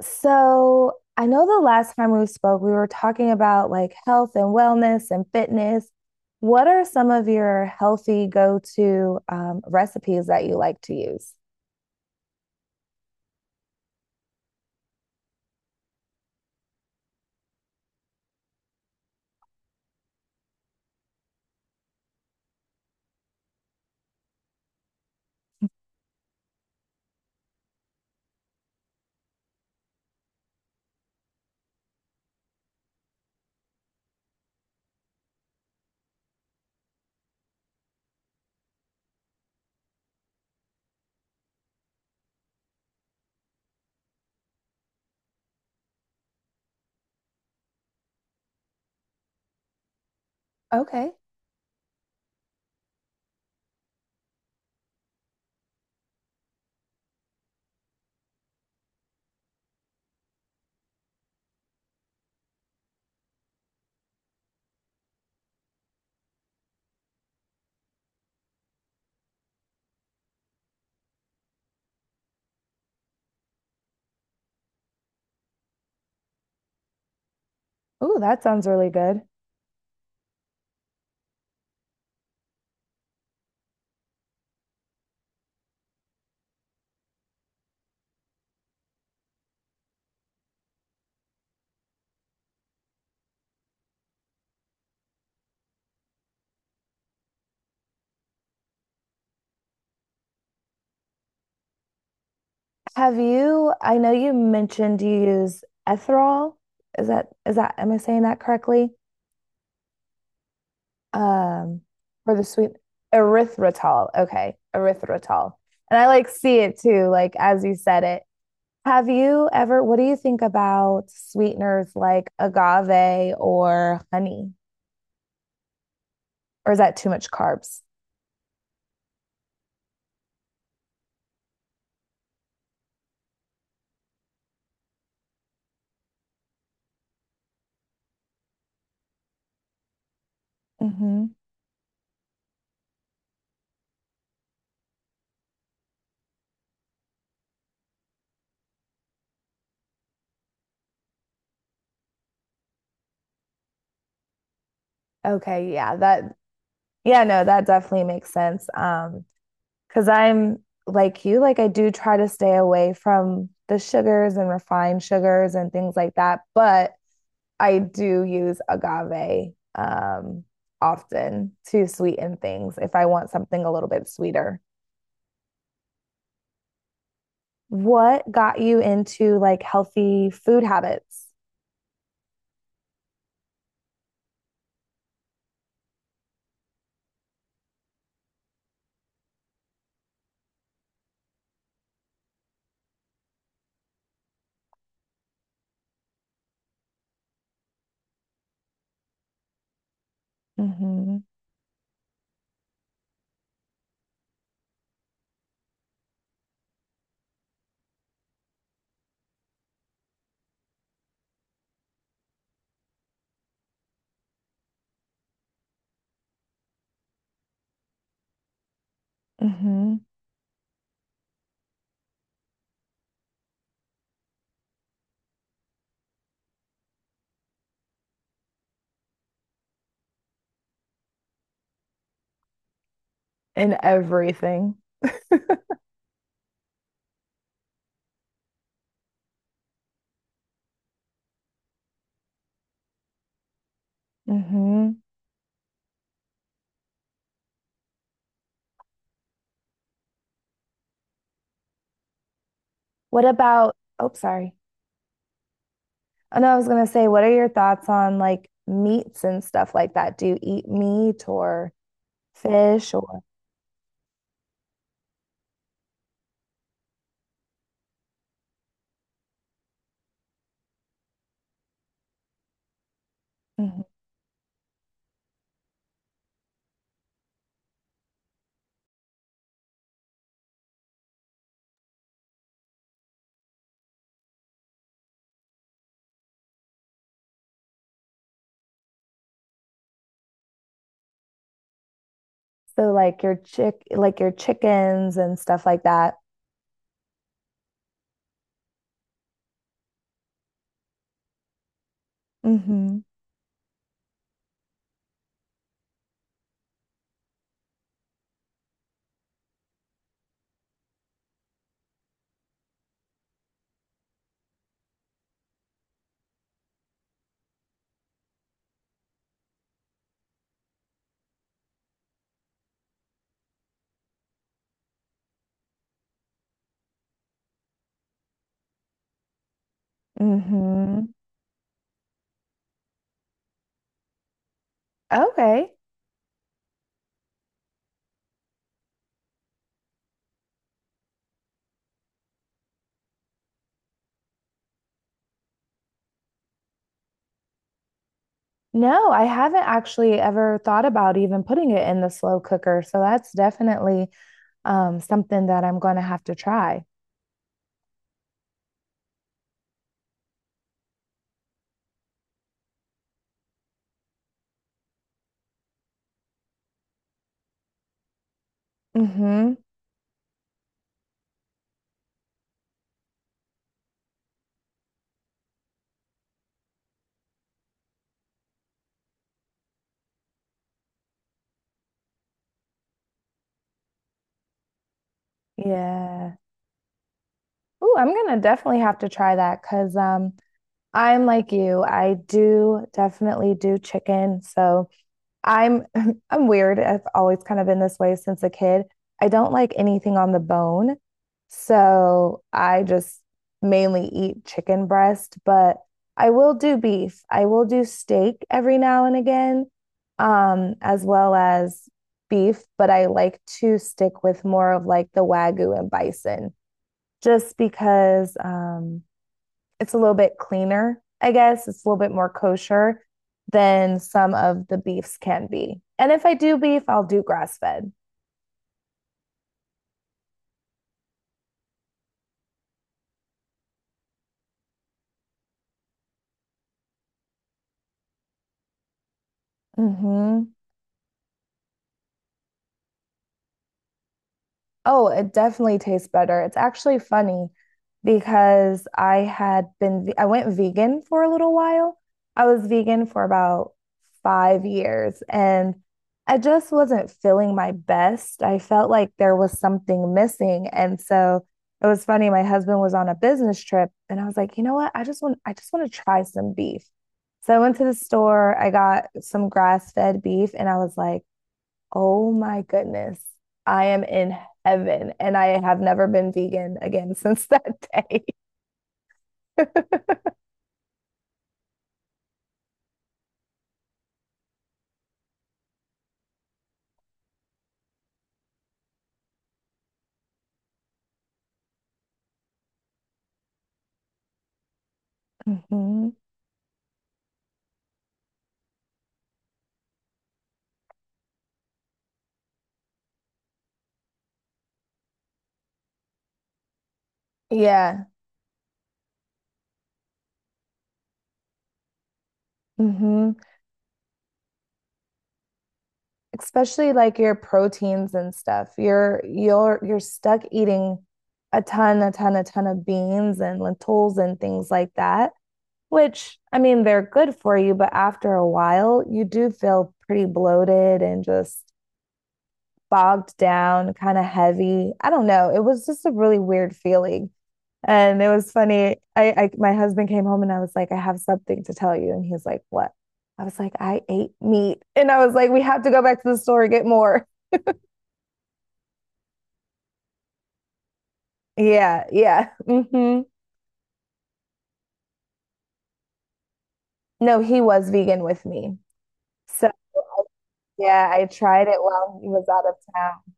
So I know the last time we spoke, we were talking about like health and wellness and fitness. What are some of your healthy go-to recipes that you like to use? Okay. Ooh, that sounds really good. I know you mentioned you use ethyl. Am I saying that correctly? Um, for the sweet erythritol. Okay. Erythritol. And I like see it too, like as you said it. What do you think about sweeteners like agave or honey? Or is that too much carbs? Hmm. Okay, yeah, that, yeah, no, that definitely makes sense. Because I'm like you, like I do try to stay away from the sugars and refined sugars and things like that, but I do use agave often to sweeten things if I want something a little bit sweeter. What got you into like healthy food habits? Mm-hmm. Mm-hmm. In everything. Mm-hmm. Oh, sorry. Oh, no, I was gonna say, what are your thoughts on like meats and stuff like that? Do you eat meat or fish or... Mhm. So like your chickens and stuff like that? Mm-hmm. Mm-hmm. Okay. No, I haven't actually ever thought about even putting it in the slow cooker. So that's definitely something that I'm going to have to try. Mm-hmm. Yeah. Ooh, I'm going to definitely have to try that because I'm like you. I do definitely do chicken. So I'm I'm weird. I've always kind of been this way since a kid. I don't like anything on the bone. So I just mainly eat chicken breast, but I will do beef. I will do steak every now and again, as well as beef, but I like to stick with more of like the Wagyu and bison just because it's a little bit cleaner, I guess. It's a little bit more kosher than some of the beefs can be. And if I do beef, I'll do grass fed. Hmm. Oh, it definitely tastes better. It's actually funny because I had been, I went vegan for a little while. I was vegan for about 5 years and I just wasn't feeling my best. I felt like there was something missing. And so it was funny. My husband was on a business trip and I was like, you know what? I just want to try some beef. So I went to the store, I got some grass-fed beef and I was like, oh my goodness. I am in heaven and I have never been vegan again since that day. Hmm. Yeah. Hmm. Especially like your proteins and stuff. You're stuck eating a ton, a ton, a ton of beans and lentils and things like that, which I mean they're good for you, but after a while you do feel pretty bloated and just bogged down, kind of heavy. I don't know. It was just a really weird feeling. And it was funny. I my husband came home and I was like, I have something to tell you. And he's like, what? I was like, I ate meat. And I was like, we have to go back to the store and get more. Yeah, yeah. Hmm. No, he was vegan with me. So yeah, I tried it while he was out of town.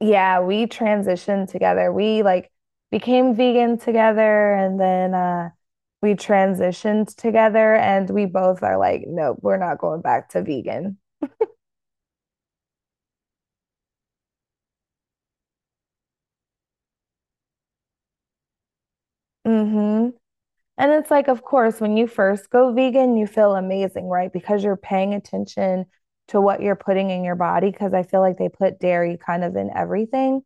Yeah, we transitioned together. We like became vegan together and then we transitioned together and we both are like, nope, we're not going back to vegan. Mm-hmm. And it's like, of course, when you first go vegan, you feel amazing, right? Because you're paying attention to what you're putting in your body. Because I feel like they put dairy kind of in everything.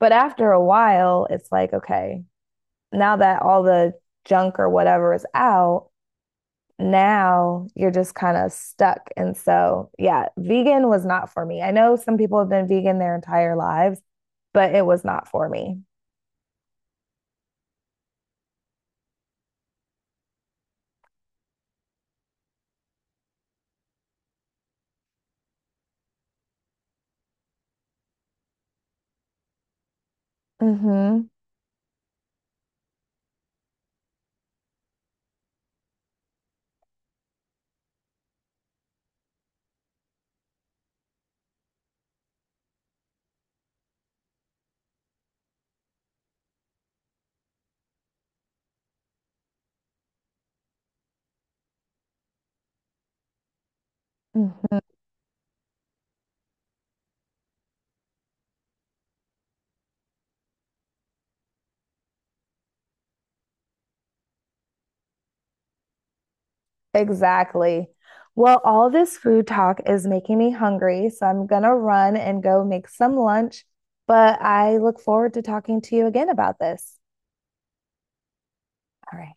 But after a while, it's like, okay, now that all the junk or whatever is out, now you're just kind of stuck. And so, yeah, vegan was not for me. I know some people have been vegan their entire lives, but it was not for me. Mm-hmm. Mm-hmm. Exactly. Well, all this food talk is making me hungry, so I'm gonna run and go make some lunch, but I look forward to talking to you again about this. All right.